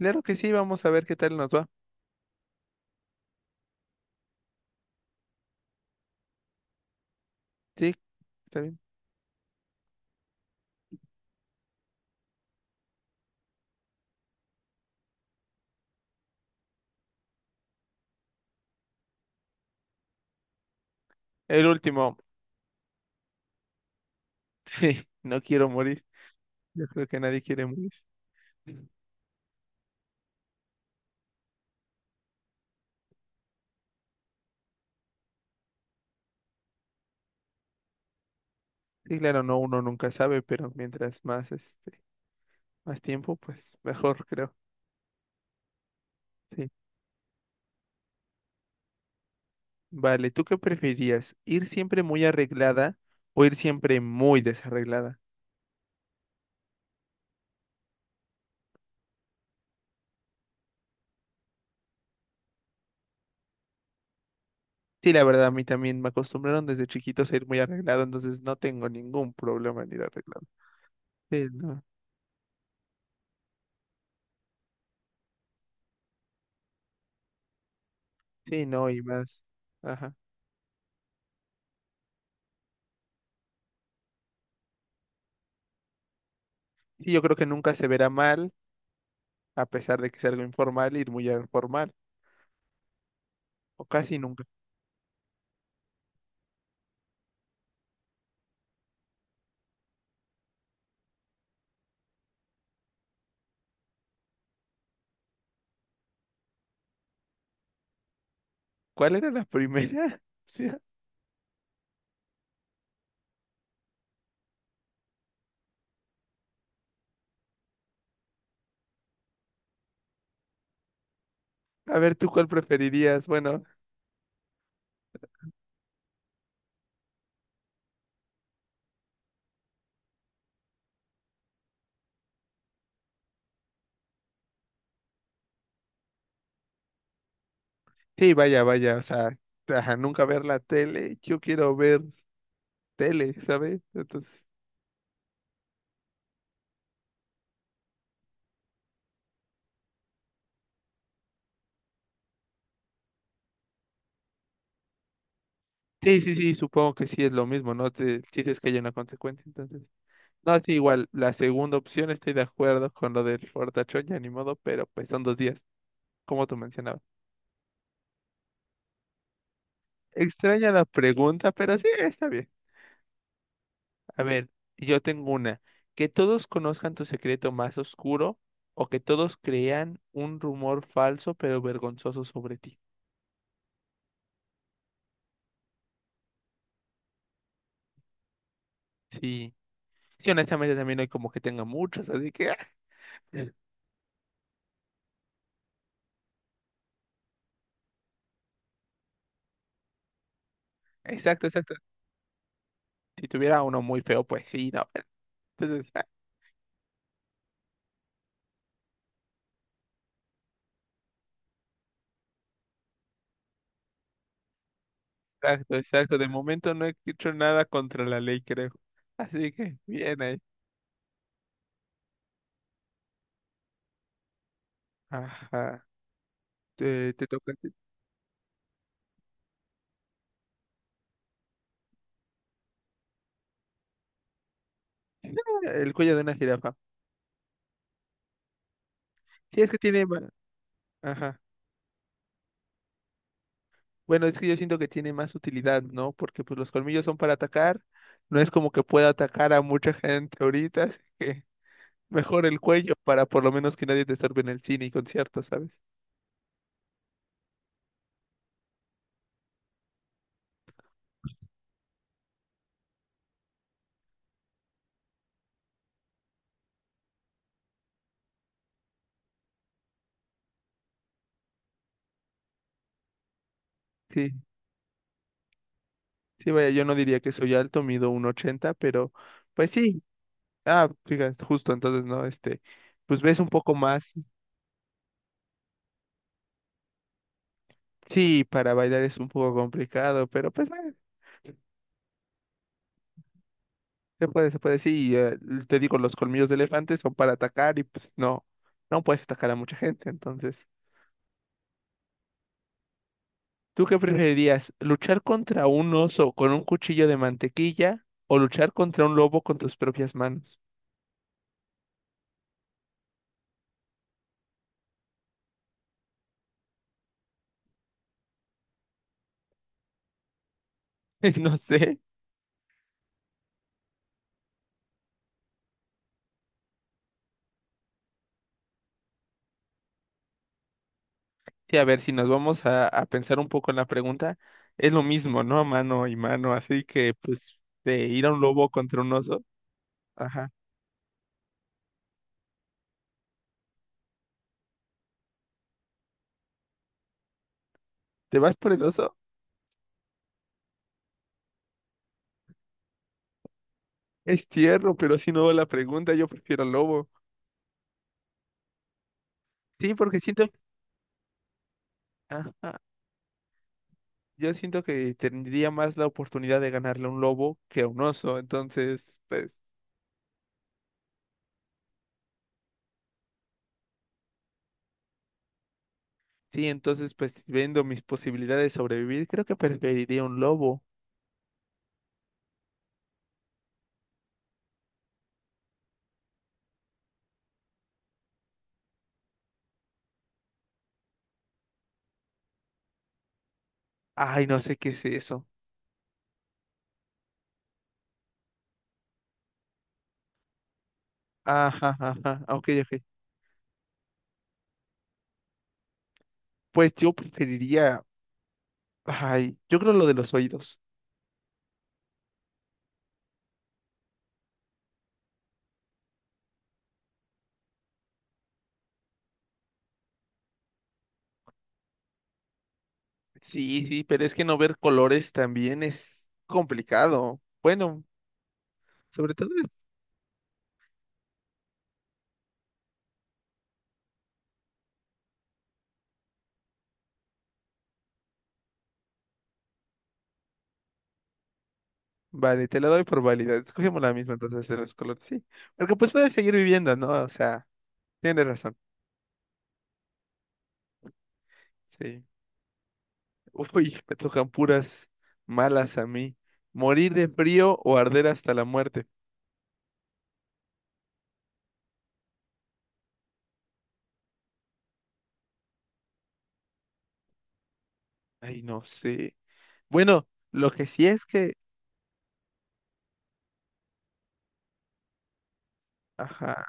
Claro que sí, vamos a ver qué tal nos va. Sí, está bien. El último. Sí, no quiero morir. Yo creo que nadie quiere morir. Sí, claro, no, uno nunca sabe, pero mientras más, más tiempo, pues mejor, creo. Sí. Vale, ¿tú qué preferías? ¿Ir siempre muy arreglada o ir siempre muy desarreglada? Sí, la verdad, a mí también me acostumbraron desde chiquitos a ir muy arreglado, entonces no tengo ningún problema en ir arreglado. Sí, no. Sí, no, y más. Ajá. Sí, yo creo que nunca se verá mal, a pesar de que es algo informal, ir muy al formal, o casi nunca. ¿Cuál era la primera? O sea, a ver, ¿tú cuál preferirías? Bueno, sí, vaya, vaya, o sea, ajá, nunca ver la tele, yo quiero ver tele, ¿sabes? Entonces, sí, sí, sí, supongo que sí es lo mismo, ¿no? Sí es que hay una consecuencia, entonces. No, sí, igual, la segunda opción estoy de acuerdo con lo del fortachón, ya ni modo, pero pues son dos días, como tú mencionabas. Extraña la pregunta, pero sí, está bien. A ver, yo tengo una. Que todos conozcan tu secreto más oscuro o que todos crean un rumor falso pero vergonzoso sobre ti. Sí, sí, honestamente también no hay como que tenga muchos, así que... Exacto, exacto. Si tuviera uno muy feo, pues sí, no, pero entonces, exacto, exacto. De momento no he hecho nada contra la ley, creo. Así que, bien ahí. Ajá, te toca. El cuello de una jirafa. Sí, es que tiene... Ajá. Bueno, es que yo siento que tiene más utilidad, ¿no? Porque pues los colmillos son para atacar. No es como que pueda atacar a mucha gente ahorita, así que mejor el cuello para por lo menos que nadie te estorbe en el cine y conciertos, ¿sabes? Sí, sí, vaya, yo no diría que soy alto, mido un ochenta, pero pues sí. Ah, fíjate, justo, entonces, ¿no? Este, pues ves un poco más. Sí, para bailar es un poco complicado, pero pues bueno, se puede, sí, te digo, los colmillos de elefante son para atacar y pues no, no puedes atacar a mucha gente, entonces, ¿tú qué preferirías? ¿Luchar contra un oso con un cuchillo de mantequilla o luchar contra un lobo con tus propias manos? No sé, sí, a ver, si nos vamos a pensar un poco en la pregunta, es lo mismo, ¿no? Mano y mano, así que pues de ir a un lobo contra un oso, ajá, ¿te vas por el oso? Es tierno, pero si no va la pregunta, yo prefiero al lobo. Sí, porque siento, ajá, yo siento que tendría más la oportunidad de ganarle a un lobo que a un oso. Entonces, pues, sí, entonces, pues, viendo mis posibilidades de sobrevivir, creo que preferiría un lobo. Ay, no sé qué es eso. Ajá, ajá, ok, ok. Pues yo preferiría, ay, yo creo lo de los oídos. Sí, sí, pero es que no ver colores también es complicado. Bueno, sobre todo vale, te la doy por válida. Escogemos la misma entonces de los colores, sí. Porque pues puedes seguir viviendo, ¿no? O sea, tienes razón. Sí. Uy, me tocan puras malas a mí. Morir de frío o arder hasta la muerte. Ay, no sé. Bueno, lo que sí es que, ajá,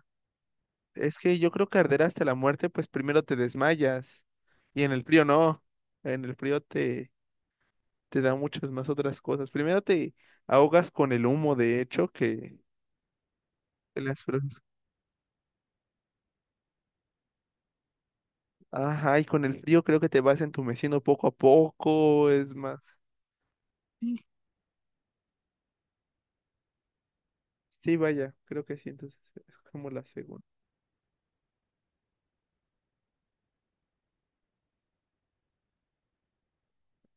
es que yo creo que arder hasta la muerte, pues primero te desmayas. Y en el frío no. En el frío te da muchas más otras cosas. Primero te ahogas con el humo, de hecho, que las flores. Ajá, y con el frío creo que te vas entumeciendo poco a poco, es más. Sí, sí, vaya, creo que sí, entonces es como la segunda.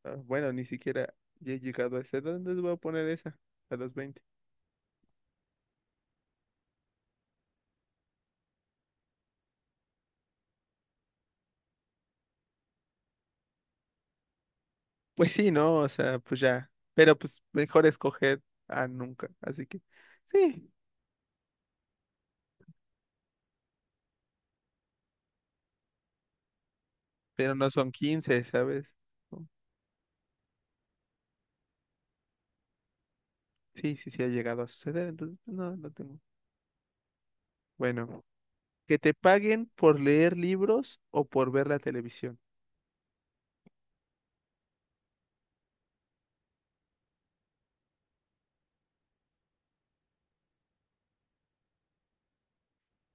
Ah, bueno, ni siquiera ya he llegado a esa edad, entonces voy a poner esa, a los 20. Pues sí, ¿no? O sea, pues ya. Pero pues mejor escoger a nunca, así que sí, pero no son 15, ¿sabes? No, sí, sí, sí ha llegado a suceder, entonces pues no, no tengo. Bueno, que te paguen por leer libros o por ver la televisión.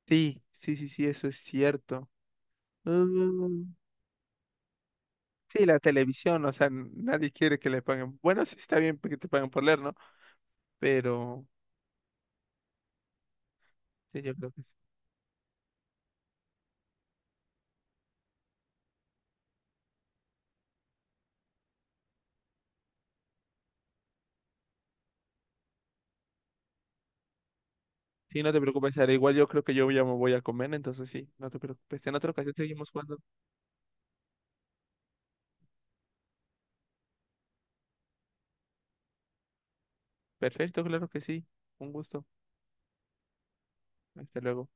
Sí, sí, sí, sí, eso es cierto. Mm, sí, la televisión, o sea, nadie quiere que le paguen. Bueno, sí está bien que te paguen por leer, ¿no? Pero sí, yo creo que sí. Sí, no te preocupes, Sara. Igual yo creo que yo ya me voy a comer, entonces sí, no te preocupes. En otra ocasión seguimos jugando. Perfecto, claro que sí. Un gusto. Hasta luego.